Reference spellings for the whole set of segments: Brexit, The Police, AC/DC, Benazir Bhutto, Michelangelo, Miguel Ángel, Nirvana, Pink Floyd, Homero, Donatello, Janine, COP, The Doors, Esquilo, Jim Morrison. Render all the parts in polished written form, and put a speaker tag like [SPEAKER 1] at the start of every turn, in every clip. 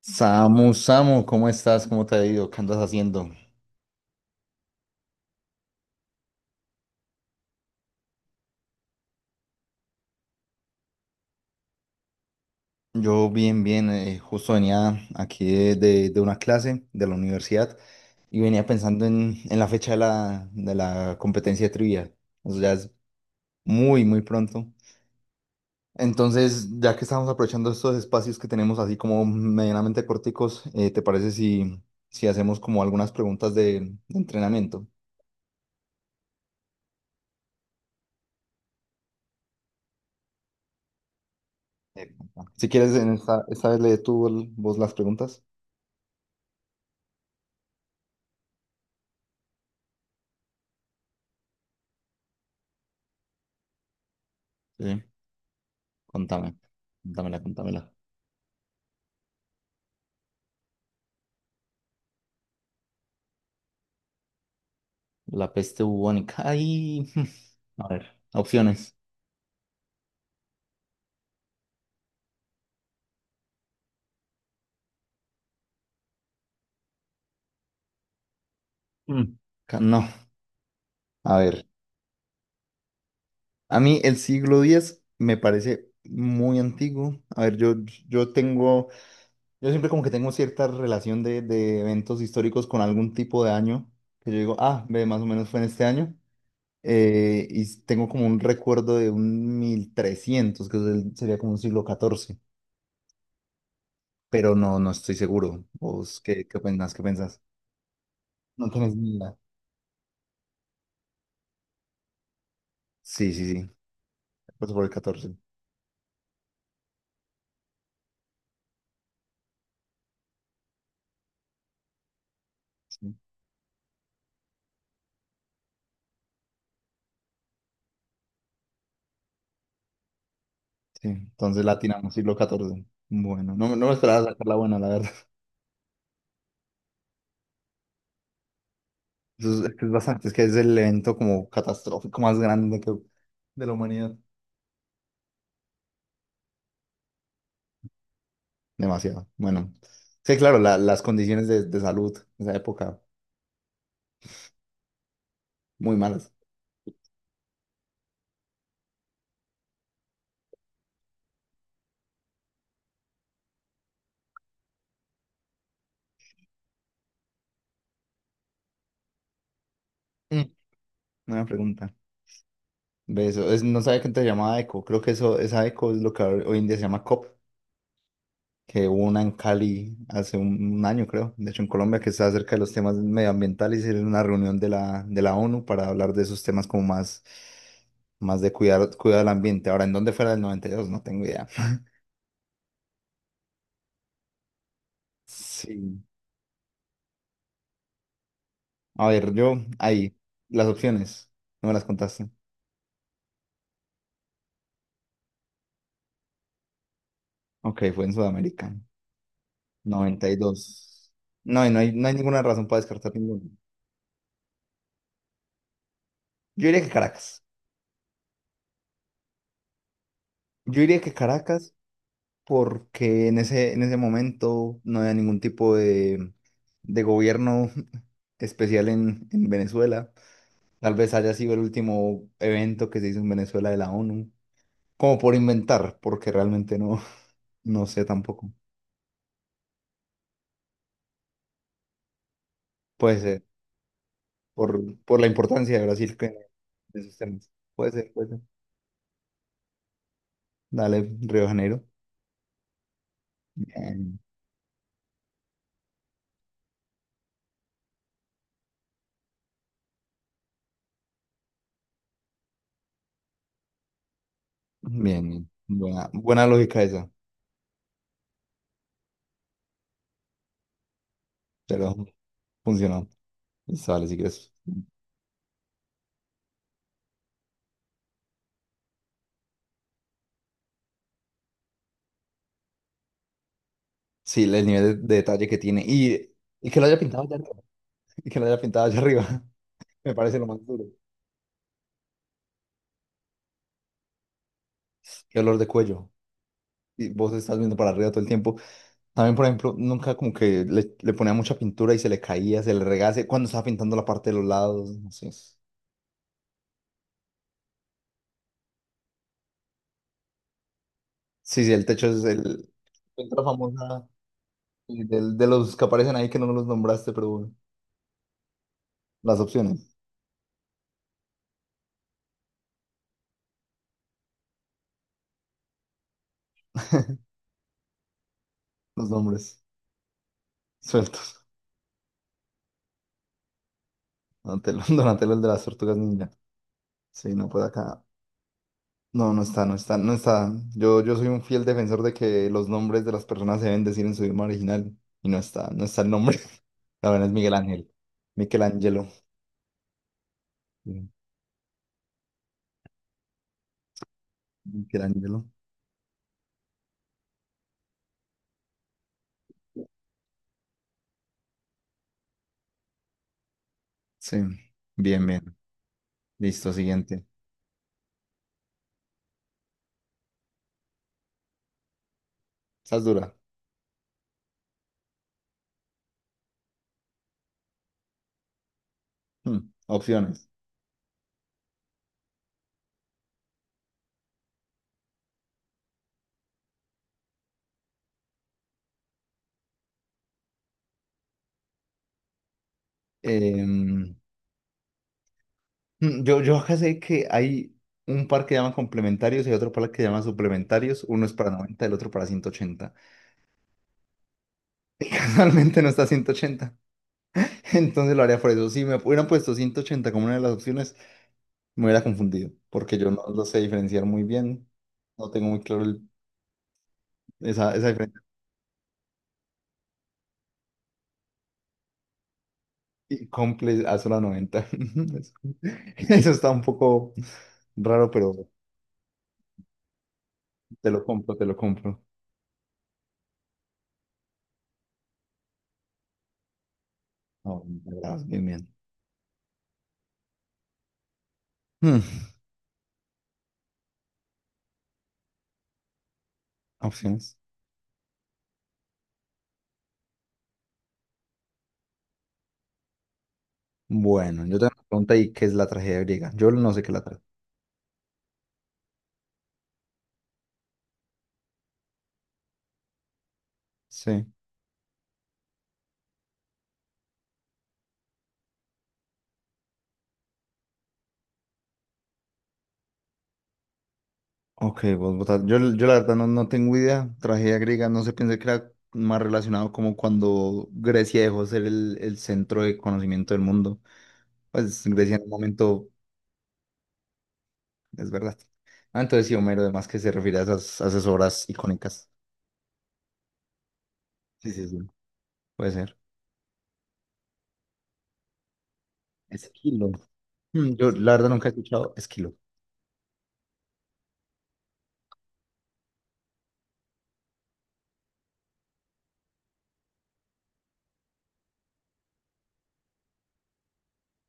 [SPEAKER 1] Samu, Samu, ¿cómo estás? ¿Cómo te ha ido? ¿Qué andas haciendo? Yo bien, bien, justo venía aquí de una clase de la universidad y venía pensando en la fecha de la competencia de trivia. O sea, ya es muy, muy pronto. Entonces, ya que estamos aprovechando estos espacios que tenemos así como medianamente corticos, ¿te parece si hacemos como algunas preguntas de entrenamiento? Eh, Si quieres, en esta vez lee tú vos las preguntas. Sí. Contame, contámela, contámela. La peste bubónica. Ay, a ver, opciones. Mm. No, a ver. A mí el siglo diez me parece muy antiguo. A ver, yo tengo, yo siempre como que tengo cierta relación de eventos históricos con algún tipo de año, que yo digo, ah, ve, más o menos fue en este año. Y tengo como un recuerdo de un 1300, que es sería como un siglo catorce, pero no estoy seguro. ¿Vos qué pensás? ¿Qué pensás? No tenés ni idea. Sí, sí, sí. Pues por el catorce. Sí, sí. Entonces latinamos, siglo catorce. Bueno, no, me no me esperaba sacar la buena, la verdad. Eso es que es bastante, es que es el evento como catastrófico más grande que, de la humanidad. Demasiado. Bueno, sí, claro, las condiciones de salud en esa época, muy malas. Mm, Una pregunta. Ve eso, es, no sabía que antes se llamaba eco. Creo que eso, esa eco es lo que hoy en día se llama COP, que hubo una en Cali hace un año, creo, de hecho en Colombia, que está acerca de los temas medioambientales y era una reunión de la ONU para hablar de esos temas como más, más de cuidar, cuidar el ambiente. Ahora, ¿en dónde fuera el 92? No tengo idea. Sí. A ver, yo ahí, las opciones, no me las contaste. Ok, fue en Sudamérica, 92. No, y no hay ninguna razón para descartar ninguno. Yo diría que Caracas. Yo diría que Caracas porque en ese momento no había ningún tipo de gobierno especial en Venezuela. Tal vez haya sido el último evento que se hizo en Venezuela de la ONU, como por inventar, porque realmente no, no sé tampoco. Puede ser, por la importancia de Brasil que, en esos temas. Puede ser, puede ser. Dale, Río de Janeiro. Bien, bien, bien. Buena, buena lógica esa, pero funcionó. Listo, vale, si quieres. Sí, el nivel de detalle que tiene. Y que lo haya pintado allá arriba. Y que lo haya pintado allá arriba. Me parece lo más duro. Qué olor de cuello. Y vos estás viendo para arriba todo el tiempo. También, por ejemplo, nunca como que le ponía mucha pintura y se le caía, se le regase cuando estaba pintando la parte de los lados. No sé. Sí, sí, el techo es el. Pintura famosa y los que aparecen ahí que no los nombraste, pero bueno, las opciones, los nombres sueltos. Donatello, Donatello el de las tortugas ninja. Sí, no, pues acá. No, no está, no está, no está. Yo soy un fiel defensor de que los nombres de las personas se deben decir en su idioma original y no está, no está el nombre. La verdad es Miguel Ángel. Michelangelo. Sí, Michelangelo. Sí. Bien, bien. Listo, siguiente. Esa es dura. Hmm, Opciones. Em, yo acá sé que hay un par que llaman complementarios y hay otro par que llaman suplementarios. Uno es para 90, el otro para 180. Casualmente no está 180. Entonces lo haría por eso. Si me hubieran puesto 180 como una de las opciones, me hubiera confundido, porque yo no lo sé diferenciar muy bien. No tengo muy claro esa, esa diferencia. Y comple a solo 90. Eso, eso está un poco raro, pero te lo compro, te lo compro. No, bravo, bien, bien. Hmm, Opciones. Bueno, yo tengo una pregunta y ¿qué es la tragedia griega? Yo no sé qué es la tragedia. Sí. Ok, vos votas. Yo la verdad no tengo idea. Tragedia griega, no sé, pensé que era más relacionado como cuando Grecia dejó de ser el centro de conocimiento del mundo. Pues Grecia en un momento, es verdad. Ah, entonces sí, Homero, además que se refiere a esas, obras icónicas. Sí, sí, sí. Puede ser. Esquilo. Yo la verdad nunca he escuchado Esquilo.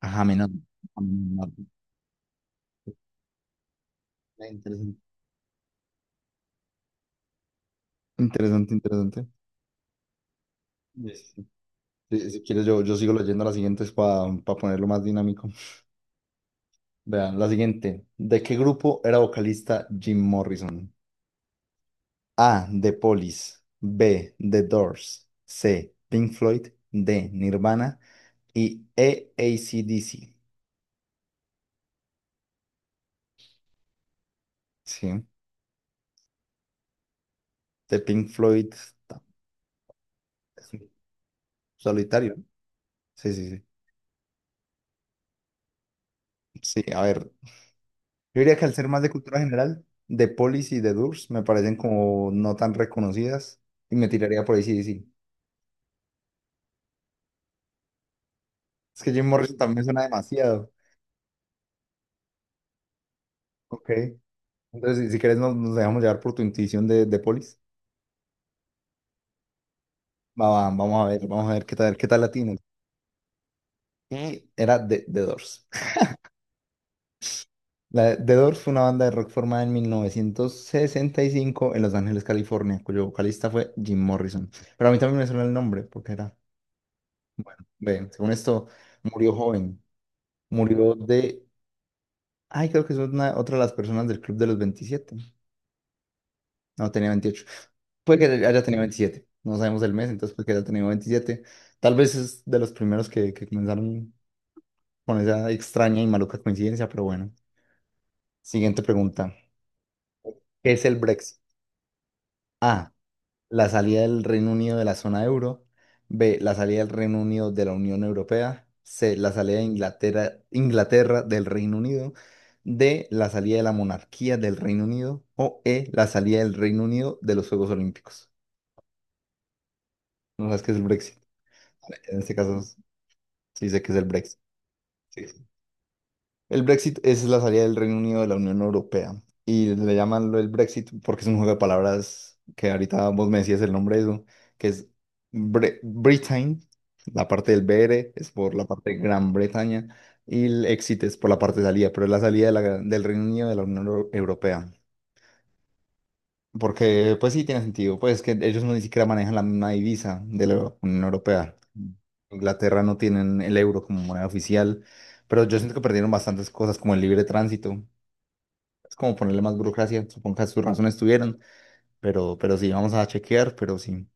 [SPEAKER 1] Ajá, menos. Interesante, interesante. Interesante. Sí, sí, sí. Si quieres, yo sigo leyendo las siguientes para ponerlo más dinámico. Vean, la siguiente. ¿De qué grupo era vocalista Jim Morrison? A. The Police. B. The Doors. C. Pink Floyd. D. Nirvana. Y E. AC/DC. Sí. De Pink Floyd. ta- es un solitario, ¿no? Sí, sí, sí. Sí, a ver. Yo diría que al ser más de cultura general, The Police y The Doors me parecen como no tan reconocidas y me tiraría por AC/DC. Es que Jim Morrison también suena demasiado. Ok. Entonces, si quieres, nos dejamos llevar por tu intuición de Polis. Vamos a ver, vamos a ver qué tal latinos. Y era de The Doors. The Doors fue una banda de rock formada en 1965 en Los Ángeles, California, cuyo vocalista fue Jim Morrison. Pero a mí también me suena el nombre, porque era, ve, según esto, murió joven. Murió de, ay, creo que es una, otra de las personas del Club de los 27. No, tenía 28. Puede que haya tenido 27. No sabemos el mes, entonces puede que haya tenido veintisiete. Tal vez es de los primeros que comenzaron con esa extraña y maluca coincidencia, pero bueno. Siguiente pregunta. ¿Qué es el Brexit? A. La salida del Reino Unido de la zona euro. B. La salida del Reino Unido de la Unión Europea. C. La salida de Inglaterra del Reino Unido. D. La salida de la monarquía del Reino Unido. O E. La salida del Reino Unido de los Juegos Olímpicos. No sabes qué es el Brexit. En este caso. Sí, sé que es el Brexit. Sí, sí. El Brexit es la salida del Reino Unido de la Unión Europea. Y le llaman lo el Brexit porque es un juego de palabras que ahorita vos me decías el nombre de eso, que es Britain, la parte del BR es por la parte de Gran Bretaña y el exit es por la parte de salida, pero es la salida de del Reino Unido de la Unión Europea. Porque, pues sí, tiene sentido. Pues es que ellos no ni siquiera manejan la misma divisa de la Unión Europea. Inglaterra no tienen el euro como moneda oficial, pero yo siento que perdieron bastantes cosas como el libre tránsito. Es como ponerle más burocracia, supongo que sus razones tuvieron, pero sí, vamos a chequear, pero sí.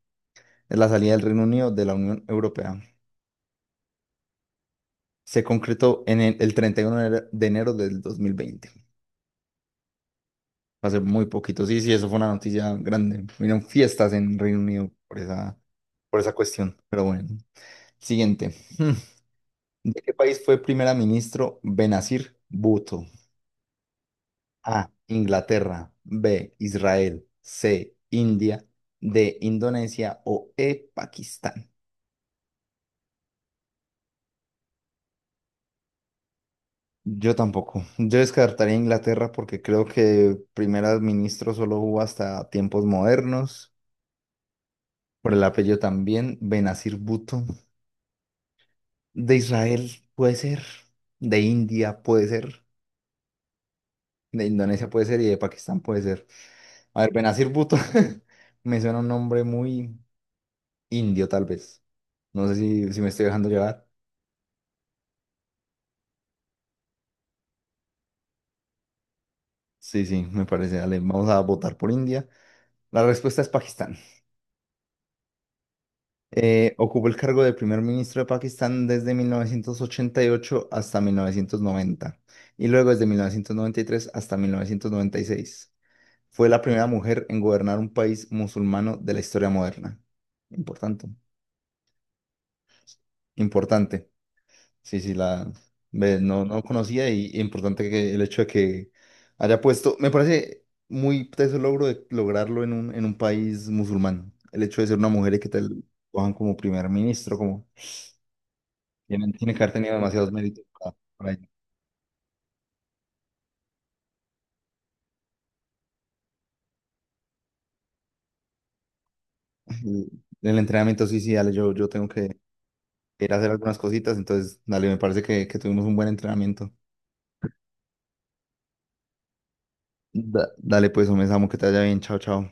[SPEAKER 1] Es la salida del Reino Unido de la Unión Europea. Se concretó en el 31 de enero del 2020. Va a ser muy poquito. Sí, sí, eso fue una noticia grande. Hubieron fiestas en Reino Unido por esa cuestión, pero bueno. Siguiente. Hmm. ¿De qué país fue primer ministro Benazir Bhutto? A. Inglaterra. B. Israel. C. India. D. Indonesia. O E. Pakistán. Yo tampoco. Yo descartaría Inglaterra porque creo que primer ministro solo hubo hasta tiempos modernos. Por el apellido también. Benazir Bhutto. De Israel puede ser. De India puede ser. De Indonesia puede ser y de Pakistán puede ser. A ver, Benazir Bhutto, me suena un nombre muy indio, tal vez. No sé si me estoy dejando llevar. Sí, sí, me parece. Dale, vamos a votar por India. La respuesta es Pakistán. Ocupó el cargo de primer ministro de Pakistán desde 1988 hasta 1990 y luego desde 1993 hasta 1996. Fue la primera mujer en gobernar un país musulmano de la historia moderna. Importante. Importante. Sí, sí, la ve, no conocía y importante que el hecho de que haya puesto, me parece muy teso el logro de lograrlo en un país musulmán. El hecho de ser una mujer y que te cojan como primer ministro, como tiene que haber tenido demasiados méritos para ello. Y el entrenamiento, sí, sí, dale, yo tengo que ir a hacer algunas cositas, entonces, dale, me parece que tuvimos un buen entrenamiento. Dale, pues, un amo, que te vaya bien, chao, chao.